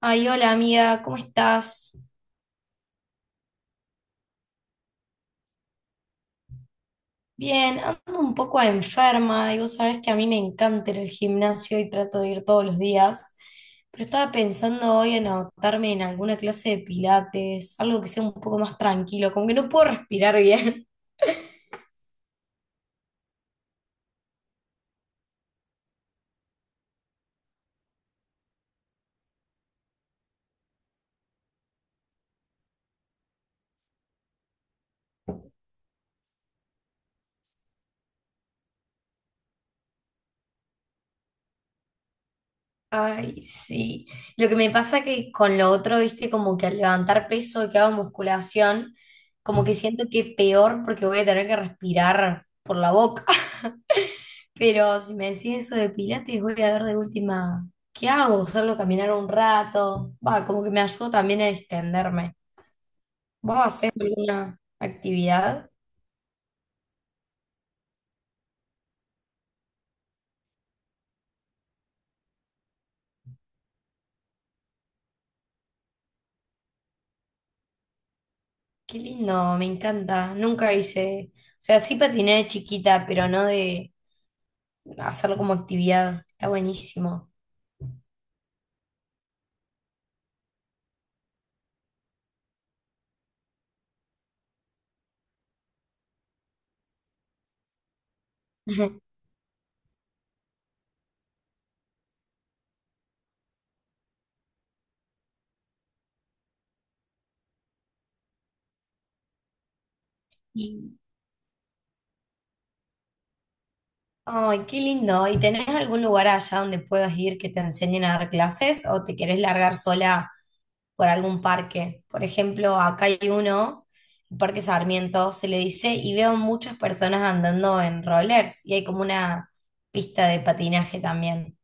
Ay, hola amiga, ¿cómo estás? Bien, ando un poco enferma y vos sabés que a mí me encanta ir al gimnasio y trato de ir todos los días, pero estaba pensando hoy en anotarme en alguna clase de pilates, algo que sea un poco más tranquilo, como que no puedo respirar bien. Ay, sí. Lo que me pasa que con lo otro, viste, como que al levantar peso que hago musculación, como que siento que peor porque voy a tener que respirar por la boca. Pero si me decís eso de Pilates, voy a ver de última, ¿qué hago? Solo caminar un rato. Va, como que me ayudó también a extenderme. ¿Vos hacés alguna actividad? Qué lindo, me encanta. Nunca hice, o sea, sí patiné de chiquita, pero no de hacerlo como actividad. Está buenísimo. Y, ay, qué lindo. ¿Y tenés algún lugar allá donde puedas ir que te enseñen a dar clases o te querés largar sola por algún parque? Por ejemplo, acá hay uno, el Parque Sarmiento, se le dice, y veo muchas personas andando en rollers y hay como una pista de patinaje también.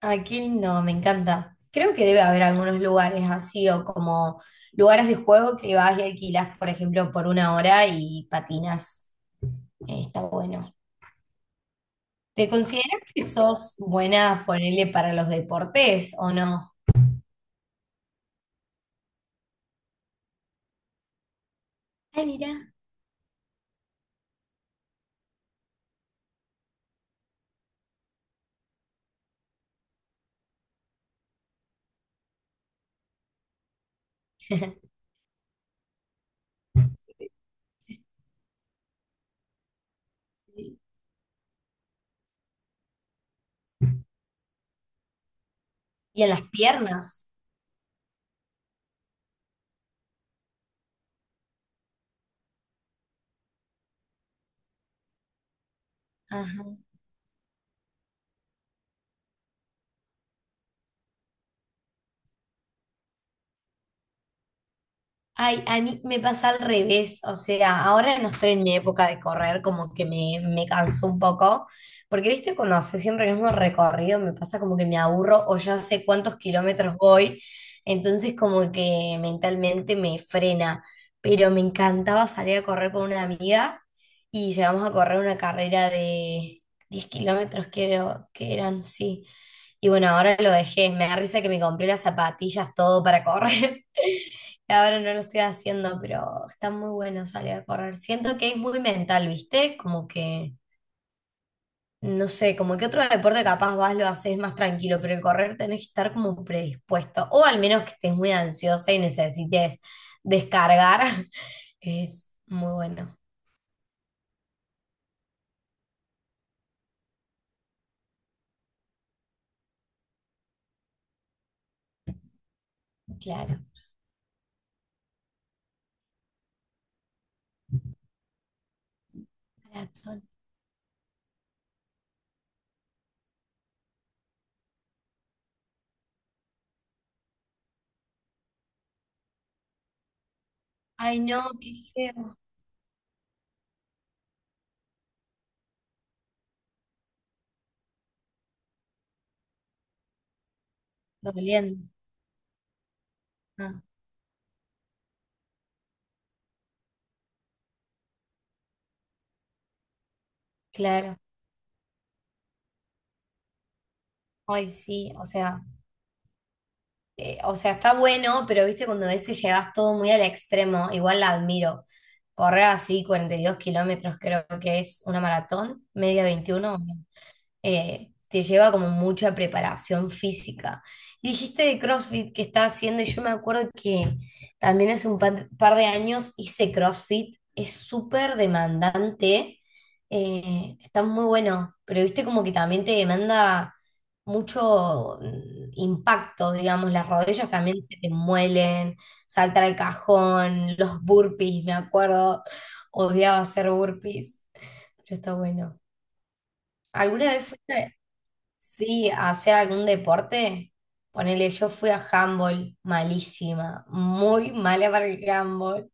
Ay, qué lindo, me encanta. Creo que debe haber algunos lugares así o como lugares de juego que vas y alquilas, por ejemplo, por una hora y patinas. Está bueno. ¿Te consideras que sos buena, ponele, para los deportes o no? Ay, mira. Y en las piernas. Ajá. Ay, a mí me pasa al revés, o sea, ahora no estoy en mi época de correr, como que me canso un poco, porque viste, cuando hace siempre el mismo recorrido, me pasa como que me aburro o ya sé cuántos kilómetros voy, entonces como que mentalmente me frena, pero me encantaba salir a correr con una amiga y llegamos a correr una carrera de 10 kilómetros, creo que eran, sí. Y bueno, ahora lo dejé, me da risa que me compré las zapatillas, todo para correr. Ahora no lo estoy haciendo, pero está muy bueno salir a correr. Siento que es muy mental, ¿viste? Como que, no sé, como que otro deporte capaz vas, lo haces más tranquilo, pero el correr tenés que estar como predispuesto, o al menos que estés muy ansiosa y necesites descargar. Es muy bueno, claro. Maratón. Ay, no, qué feo. Doliendo. Ah, claro. Ay, sí, o sea, o sea, está bueno, pero viste, cuando a veces llevas todo muy al extremo, igual la admiro. Correr así 42 kilómetros creo que es una maratón, media 21, te lleva como mucha preparación física. Y dijiste de CrossFit que estás haciendo, y yo me acuerdo que también hace un par de años hice CrossFit, es súper demandante, está muy bueno, pero viste como que también te demanda mucho impacto, digamos, las rodillas también se te muelen, saltar al cajón, los burpees, me acuerdo, odiaba hacer burpees, pero está bueno. ¿Alguna vez fuiste? Sí, hacer algún deporte. Ponele, yo fui a handball, malísima, muy mala para el handball,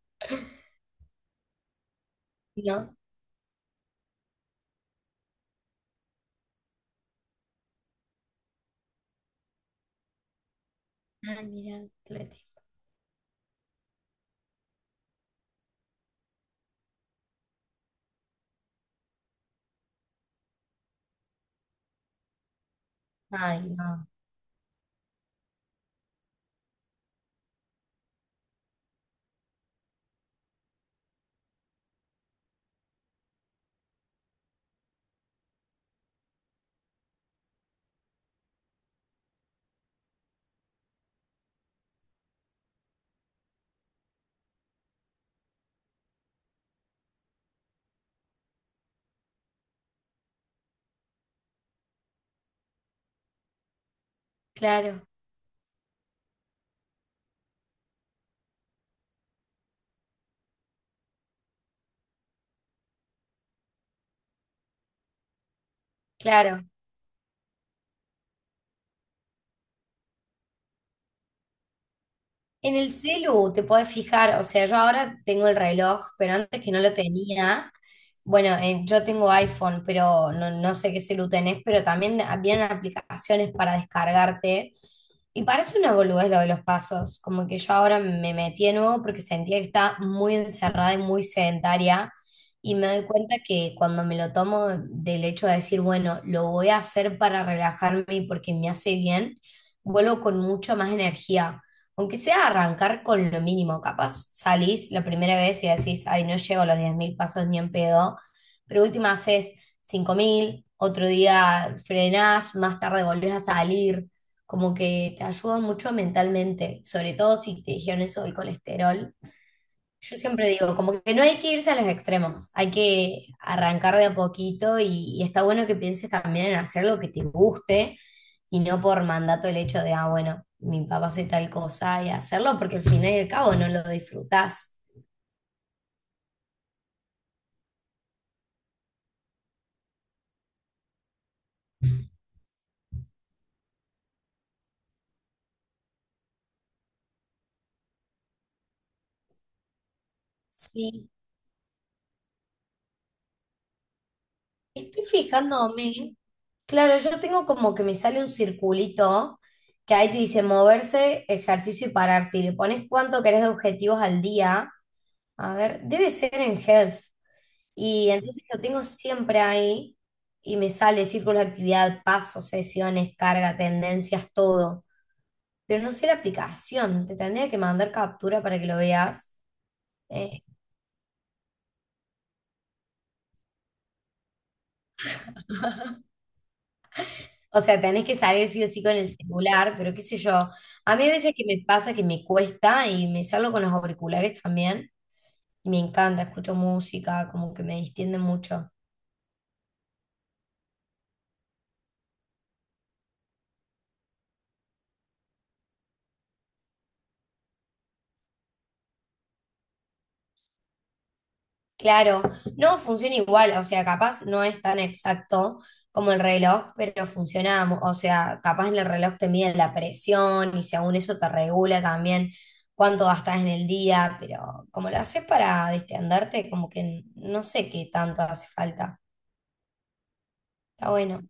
¿no? Ah, mira, atletismo. Ay, no. Claro, claro. En el celu te podés fijar, o sea, yo ahora tengo el reloj, pero antes que no lo tenía. Bueno, yo tengo iPhone, pero no sé qué celu tenés, pero también vienen aplicaciones para descargarte. Y parece una boludez lo de los pasos, como que yo ahora me metí de nuevo porque sentía que estaba muy encerrada y muy sedentaria y me doy cuenta que cuando me lo tomo del hecho de decir, bueno, lo voy a hacer para relajarme y porque me hace bien, vuelvo con mucha más energía, aunque sea arrancar con lo mínimo, capaz salís la primera vez y decís, ay, no llego a los 10.000 pasos ni en pedo, pero última haces 5.000 otro día frenás, más tarde volvés a salir, como que te ayuda mucho mentalmente, sobre todo si te dijeron eso del colesterol. Yo siempre digo, como que no hay que irse a los extremos, hay que arrancar de a poquito y está bueno que pienses también en hacer lo que te guste y no por mandato el hecho de, ah, bueno, mi papá hace tal cosa y hacerlo, porque al fin y al cabo no lo disfrutás. Sí, estoy fijándome. Claro, yo tengo como que me sale un circulito que ahí te dice moverse, ejercicio y pararse. Y le pones cuánto querés de objetivos al día. A ver, debe ser en health. Y entonces lo tengo siempre ahí y me sale círculo de actividad, pasos, sesiones, carga, tendencias, todo. Pero no sé la aplicación. Te tendría que mandar captura para que lo veas. Eh, O sea, tenés que salir sí o sí con el celular, pero qué sé yo. A mí a veces que me pasa que me cuesta y me salgo con los auriculares también y me encanta, escucho música, como que me distiende mucho. Claro, no funciona igual, o sea, capaz no es tan exacto como el reloj, pero funciona, mu- o sea, capaz en el reloj te mide la presión y según eso te regula también cuánto gastas en el día, pero como lo haces para distenderte, como que no sé qué tanto hace falta. Está bueno.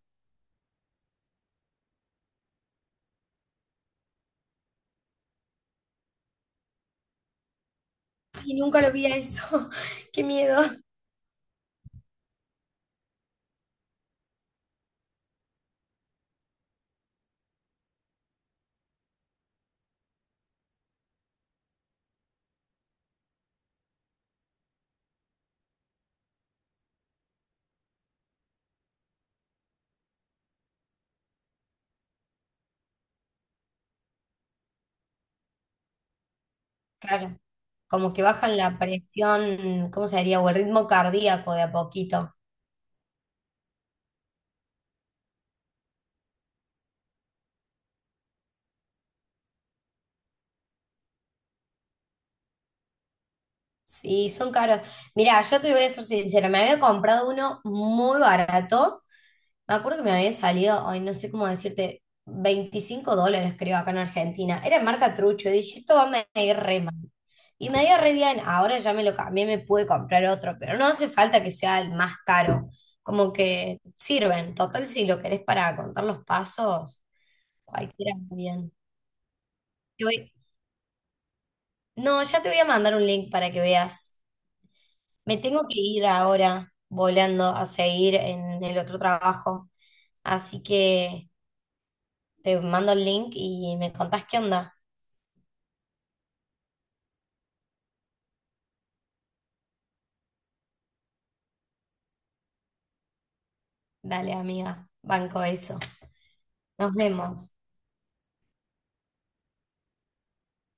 Y nunca lo vi a eso. Qué miedo. Claro, como que bajan la presión, ¿cómo se diría? O el ritmo cardíaco de a poquito. Sí, son caros. Mira, yo te voy a ser sincera, me había comprado uno muy barato. Me acuerdo que me había salido, ay, no sé cómo decirte, 25 dólares creo acá en Argentina. Era marca Trucho, y dije, esto va a ir re mal. Y me dio re bien, ahora ya me lo cambié, me pude comprar otro, pero no hace falta que sea el más caro. Como que sirven, total, si lo querés para contar los pasos, cualquiera está bien. Te voy- no, ya te voy a mandar un link para que veas. Me tengo que ir ahora volando a seguir en el otro trabajo. Así que te mando el link y me contás qué onda. Dale, amiga, banco eso. Nos vemos.